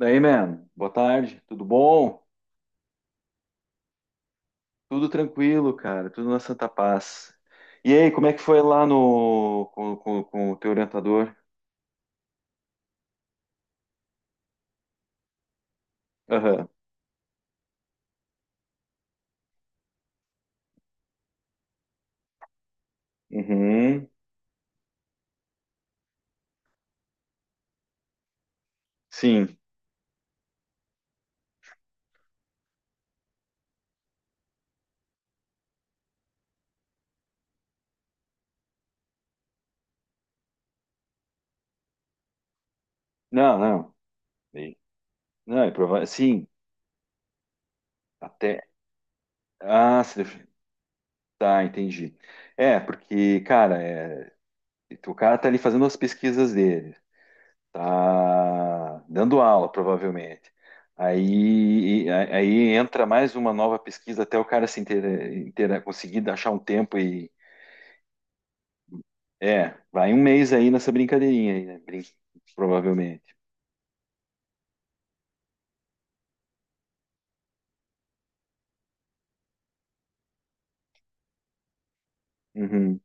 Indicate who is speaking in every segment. Speaker 1: Daí, man, boa tarde, tudo bom? Tudo tranquilo, cara, tudo na Santa Paz. E aí, como é que foi lá no com o teu orientador? Aham. Uhum. Sim. Não, não. Bem, não, é provável. Sim, até. Ah, se def- tá, entendi. É, porque, cara, é, o cara tá ali fazendo as pesquisas dele, tá dando aula, provavelmente. Aí, aí entra mais uma nova pesquisa até o cara se inter, inter- conseguir achar um tempo e. É, vai um mês aí nessa brincadeirinha aí, né? Provavelmente. Uhum,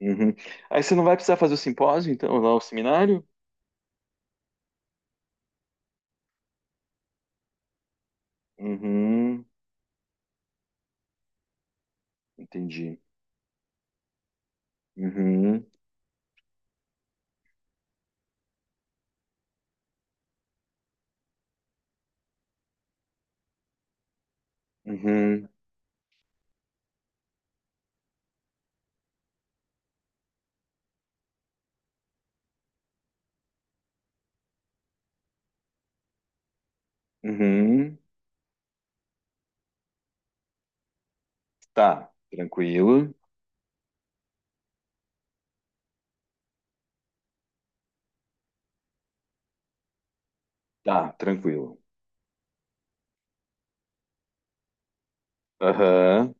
Speaker 1: uhum. Aí você não vai precisar fazer o simpósio, então, lá o seminário? Uhum, entendi. Uhum, uhum, uhum. Tá, tranquilo. Tá, tranquilo. Aham,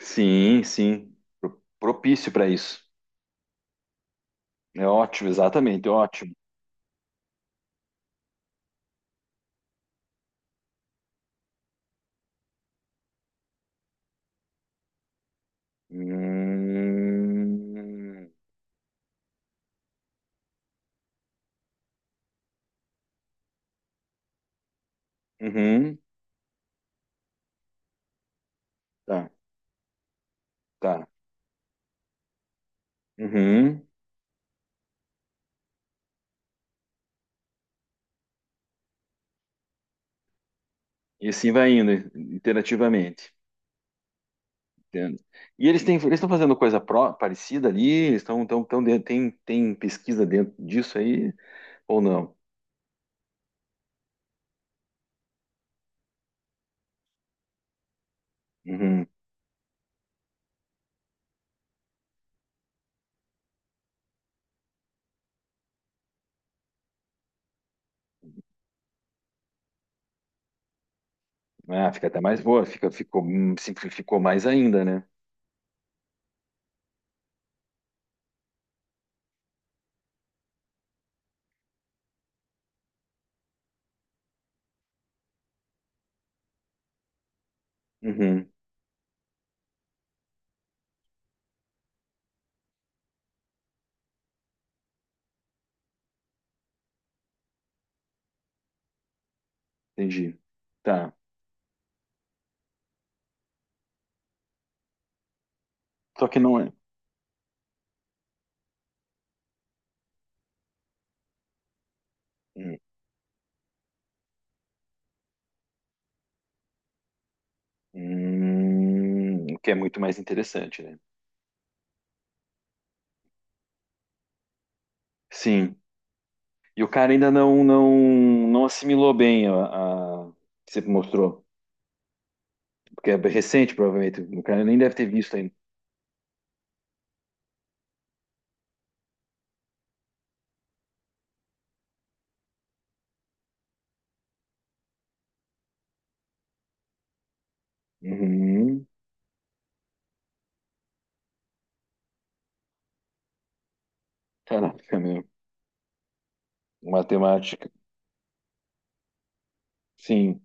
Speaker 1: sim, sim. Propício para isso. É ótimo, exatamente, ótimo. Hum, uhum, tá, tá. Uhum. E assim vai indo, interativamente. Entendo. E eles têm, eles estão fazendo parecida ali? Eles estão tem, tem pesquisa dentro disso aí ou não? Uhum. Ah, fica até mais boa, fica, ficou, simplificou mais ainda, né? Uhum, entendi. Tá. Só que não é. Hum, hum, o que é muito mais interessante, né? Sim. E o cara ainda não assimilou bem a que você mostrou. Porque é recente, provavelmente. O cara nem deve ter visto ainda. Uhum. Caraca, meu. Matemática. Sim.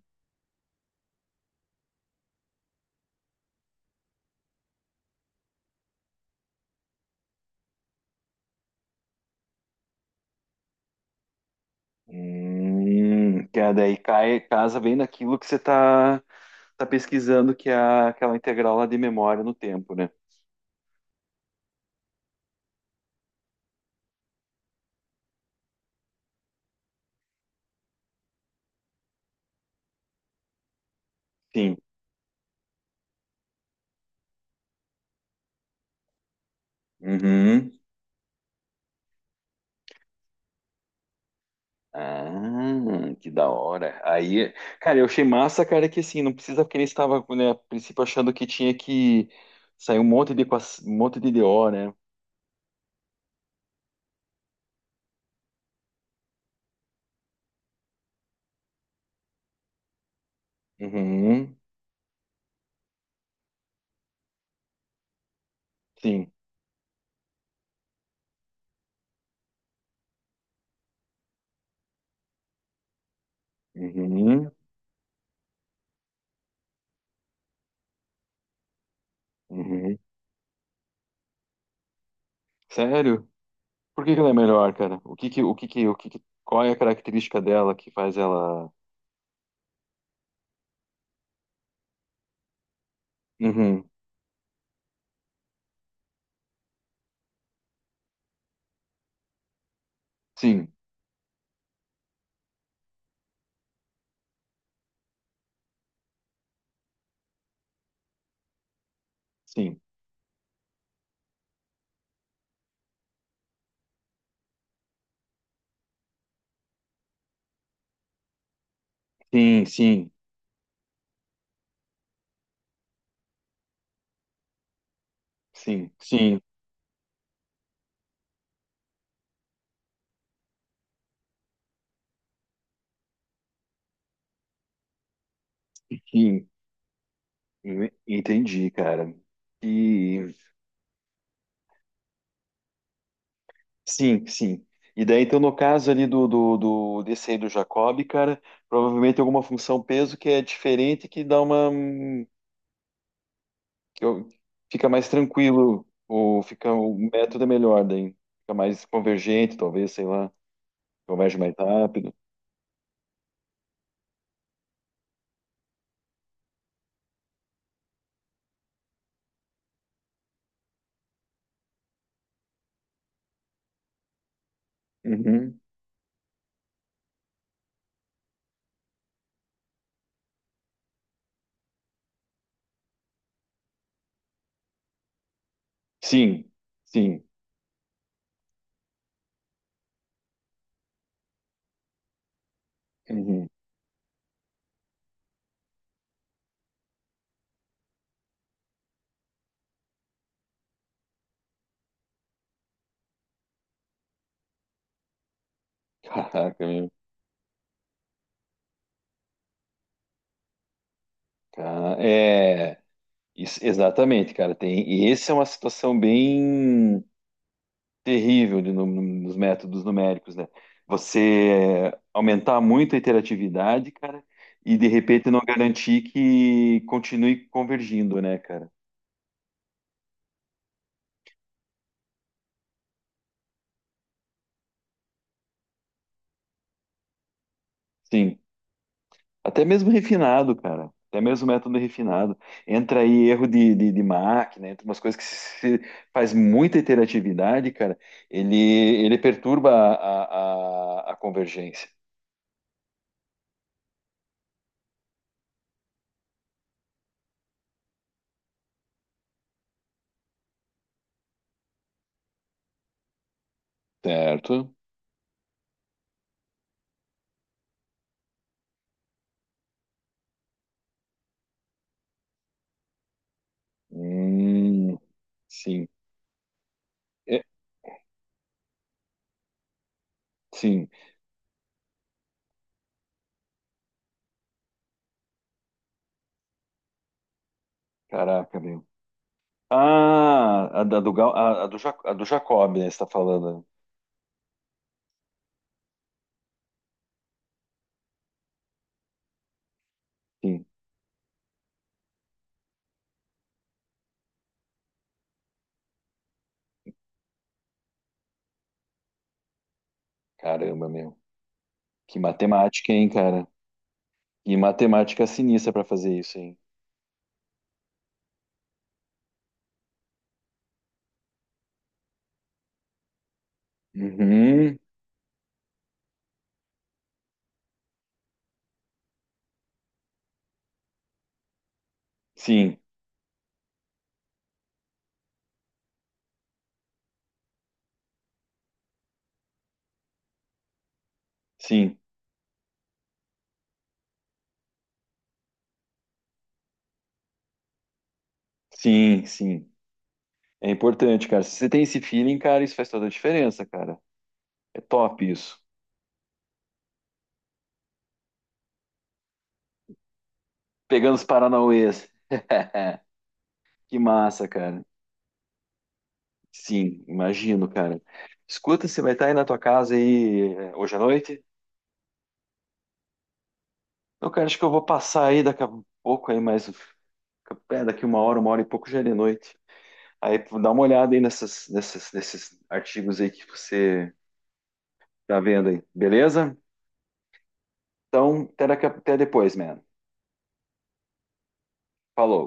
Speaker 1: Que é daí cai, casa bem naquilo que você está tá tá pesquisando, que é aquela integral lá de memória no tempo, né? Sim. Uhum. Ah, que da hora. Aí, cara, eu achei massa, cara, que assim, não precisa, porque ele estava, né, a princípio achando que tinha que sair um monte de, um monte de DO, né? Uhum, sim. Uhum, uhum. Sério? Por que que ela é melhor, cara? O que que, o que que, o que que, qual é a característica dela que faz ela... Uhum, sim, sim, sim, sim, sim, sim, sim. Entendi, cara. Sim, sim. E daí, então, no caso ali desse aí do Jacob, cara, provavelmente tem alguma função peso que é diferente, que dá uma. que eu- Fica mais tranquilo, ou fica, o método é melhor, daí fica mais convergente, talvez, sei lá, converge mais rápido. Uhum. Sim, sim. Uhum. Caraca, meu. É, exatamente, cara. Tem, e essa é uma situação bem. Terrível nos métodos numéricos, né? Você aumentar muito a interatividade, cara, e de repente não garantir que continue convergindo, né, cara? Sim. Até mesmo refinado, cara. Até mesmo método refinado. Entra aí erro de máquina, entra umas coisas que se faz muita interatividade, cara, ele, ele perturba a convergência. Certo? Hum, sim. É, sim. Caraca, meu. Ah, a da do, Gal- a do, Ja- A do Jacob, né? Você está falando. Sim, caramba, meu. Que matemática, hein, cara? Que matemática sinistra para fazer isso, hein? Uhum. Sim, sim, sim. É importante, cara. Se você tem esse feeling, cara, isso faz toda a diferença, cara. É top isso. Pegando os paranauês. Que massa, cara. Sim, imagino, cara. Escuta, você vai estar aí na tua casa aí hoje à noite? Não, cara, acho que eu vou passar aí daqui a pouco aí mais. É, daqui uma hora e pouco já é de noite. Aí tu dá uma olhada aí nesses artigos aí que você tá vendo aí, beleza? Então, até, até depois, man. Falou.